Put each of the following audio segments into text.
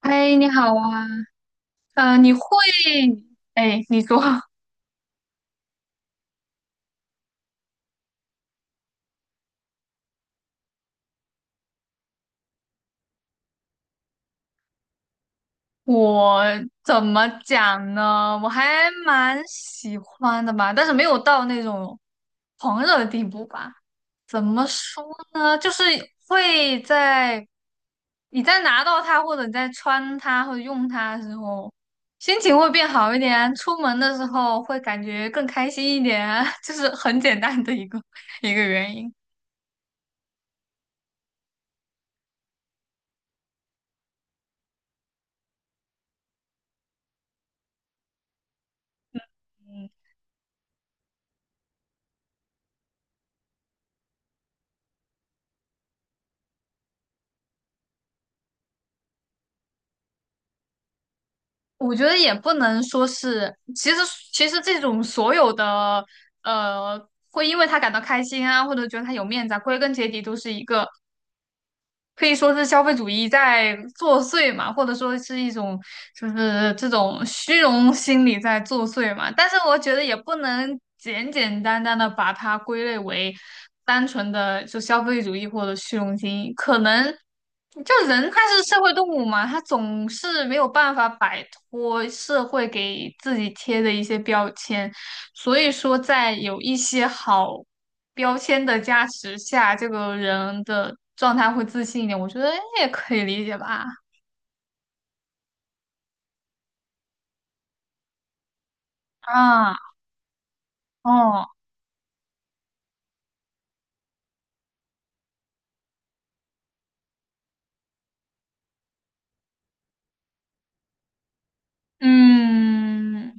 哎，你好啊，你会，哎，你说 我怎么讲呢？我还蛮喜欢的吧，但是没有到那种狂热的地步吧。怎么说呢？就是会在你在拿到它，或者你在穿它或者用它的时候，心情会变好一点，出门的时候会感觉更开心一点，就是很简单的一个原因。嗯。我觉得也不能说是，其实这种所有的会因为他感到开心啊，或者觉得他有面子啊，归根结底都是一个可以说是消费主义在作祟嘛，或者说是一种就是这种虚荣心理在作祟嘛。但是我觉得也不能简简单单的把它归类为单纯的就消费主义或者虚荣心，可能就人他是社会动物嘛，他总是没有办法摆脱社会给自己贴的一些标签。所以说，在有一些好标签的加持下，这个人的状态会自信一点，我觉得也可以理解吧。啊，哦，嗯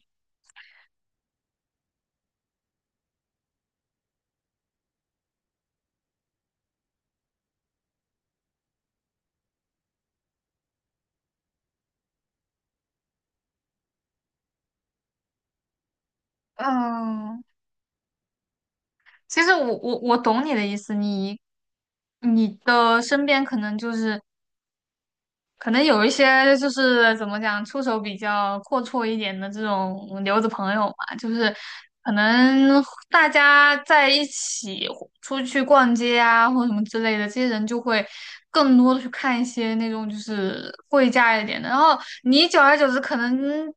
嗯，其实我懂你的意思，你的身边可能就是可能有一些就是怎么讲，出手比较阔绰一点的这种留子朋友嘛，就是可能大家在一起出去逛街啊，或者什么之类的，这些人就会更多的去看一些那种就是贵价一点的。然后你久而久之，可能，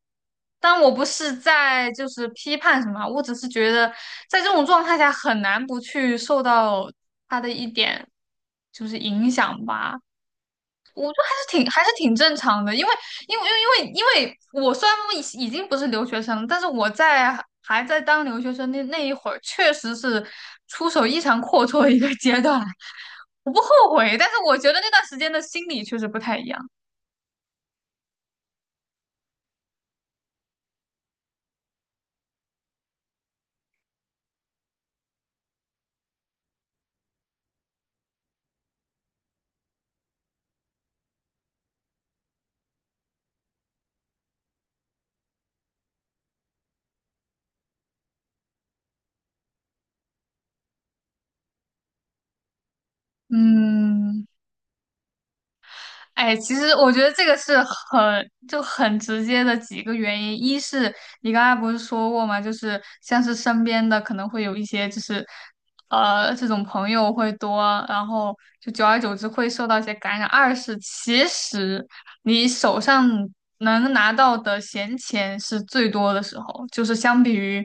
但我不是在就是批判什么，我只是觉得在这种状态下很难不去受到他的一点就是影响吧。挺还是挺正常的，因为因为因为因为因为我虽然已经不是留学生了，但是我在还在当留学生那一会儿，确实是出手异常阔绰的一个阶段，我不后悔，但是我觉得那段时间的心理确实不太一样。嗯，哎，其实我觉得这个是很就很直接的几个原因，一是你刚才不是说过吗？就是像是身边的可能会有一些就是这种朋友会多，然后就久而久之会受到一些感染。二是其实你手上能拿到的闲钱是最多的时候，就是相比于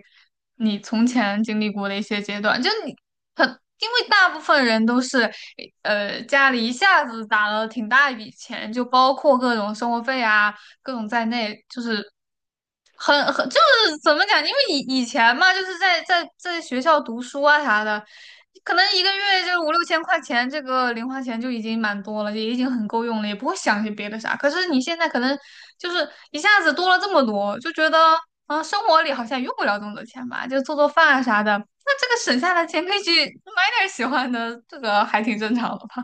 你从前经历过的一些阶段，就你很，因为大部分人都是，家里一下子打了挺大一笔钱，就包括各种生活费啊，各种在内，就是很就是怎么讲？因为以前嘛，就是在学校读书啊啥的，可能一个月就五六千块钱，这个零花钱就已经蛮多了，也已经很够用了，也不会想些别的啥。可是你现在可能就是一下子多了这么多，就觉得嗯，生活里好像用不了这么多钱吧，就做做饭啊啥的。那这个省下的钱可以去买点儿喜欢的，这个还挺正常的吧？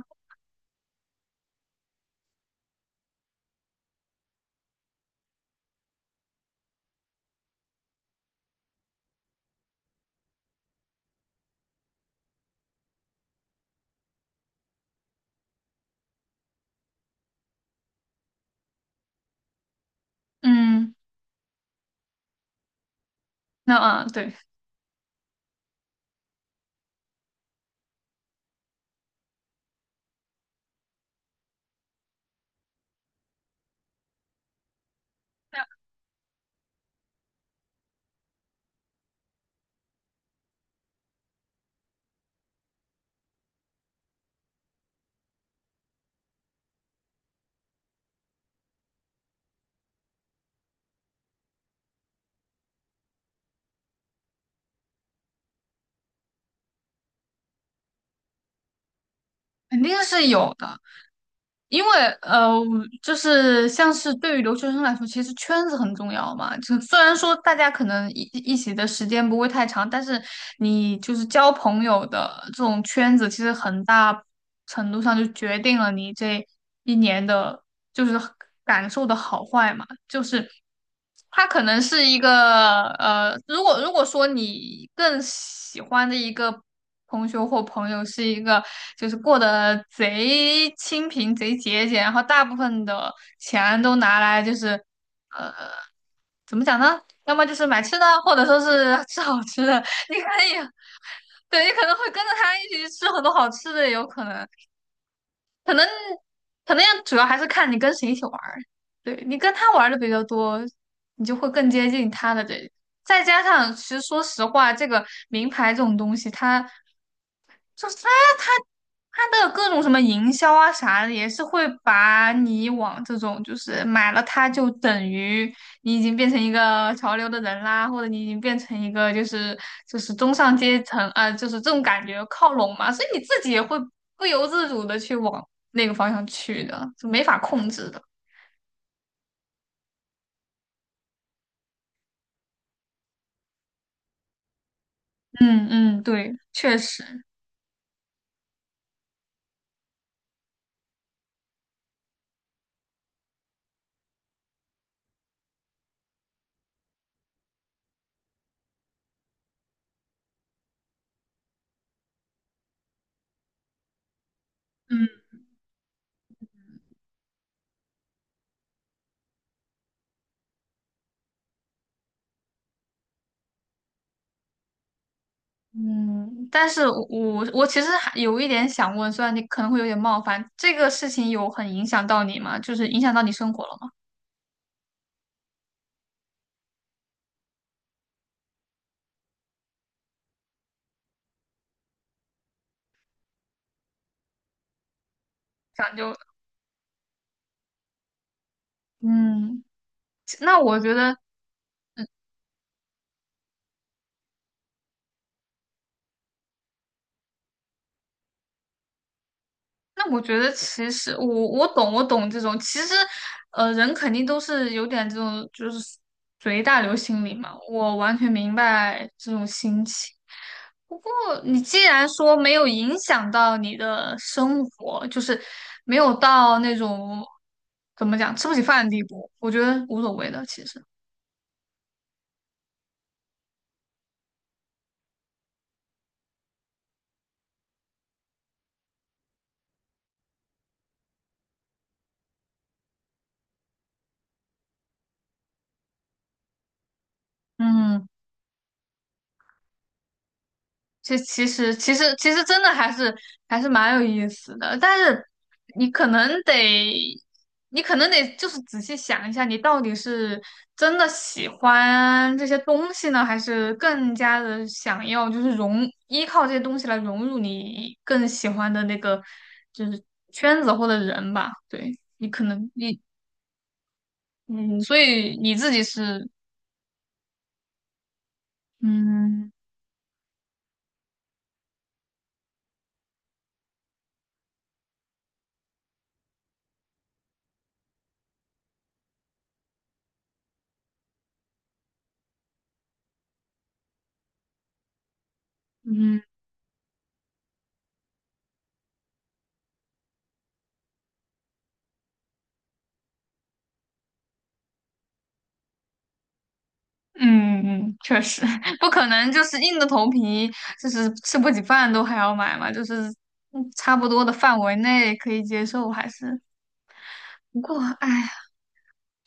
嗯，那嗯，对，肯定是有的。因为呃，就是像是对于留学生来说，其实圈子很重要嘛。就虽然说大家可能一起的时间不会太长，但是你就是交朋友的这种圈子，其实很大程度上就决定了你这一年的，就是感受的好坏嘛。就是他可能是一个如果说你更喜欢的一个同学或朋友是一个就是过得贼清贫、贼节俭，然后大部分的钱都拿来就是呃，怎么讲呢？要么就是买吃的，或者说是吃好吃的，你可以，对，你可能会跟着他一起去吃很多好吃的，有可能。可能也主要还是看你跟谁一起玩儿，对你跟他玩儿的比较多，你就会更接近他的这。再加上，其实说实话，这个名牌这种东西，它就是他他他的各种什么营销啊啥的，也是会把你往这种就是买了它就等于你已经变成一个潮流的人啦，或者你已经变成一个就是就是中上阶层啊、就是这种感觉靠拢嘛，所以你自己也会不由自主的去往那个方向去的，就没法控制的。嗯嗯，对，确实，嗯。嗯，但是我其实还有一点想问，虽然你可能会有点冒犯，这个事情有很影响到你吗？就是影响到你生活了吗？讲究，嗯，那我觉得那我觉得，其实我我懂，我懂这种。其实，人肯定都是有点这种，就是随大流心理嘛。我完全明白这种心情。不过，你既然说没有影响到你的生活，就是没有到那种怎么讲吃不起饭的地步，我觉得无所谓的。其实，嗯。这其实真的还是蛮有意思的，但是你可能得，你可能得就是仔细想一下，你到底是真的喜欢这些东西呢，还是更加的想要就是融依靠这些东西来融入你更喜欢的那个就是圈子或者人吧？对，你可能你嗯，所以你自己是嗯嗯。嗯嗯，确实 不可能，就是硬着头皮，就是吃不起饭都还要买嘛，就是嗯差不多的范围内可以接受，还是不过，哎呀，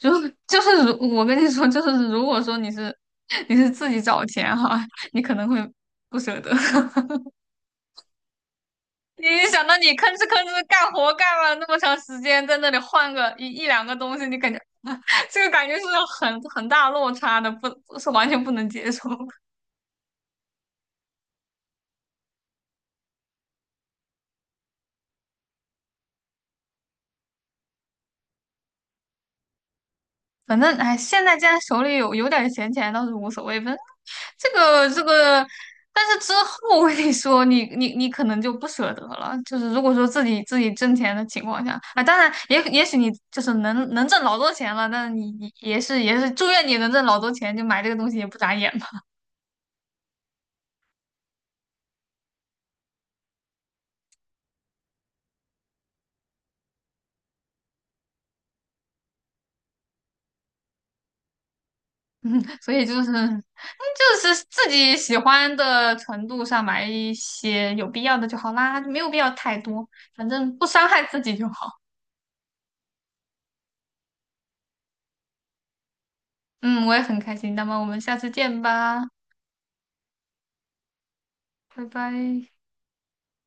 如就是如我跟你说，就是如果说你是 你是自己找钱哈，你可能会不舍得，你一想到你吭哧吭哧干活干了那么长时间，在那里换个一两个东西，你感觉 这个感觉是很大落差的，不是完全不能接受。反正哎，现在既然手里有点闲钱倒是无所谓，反正这个，但是之后我跟你说，你可能就不舍得了。就是如果说自己挣钱的情况下，啊，当然也许你就是能挣老多钱了，但是你也是祝愿你能挣老多钱，就买这个东西也不眨眼嘛。所以就是嗯就是自己喜欢的程度上买一些有必要的就好啦，就没有必要太多，反正不伤害自己就好。嗯，我也很开心。那么我们下次见吧，拜拜。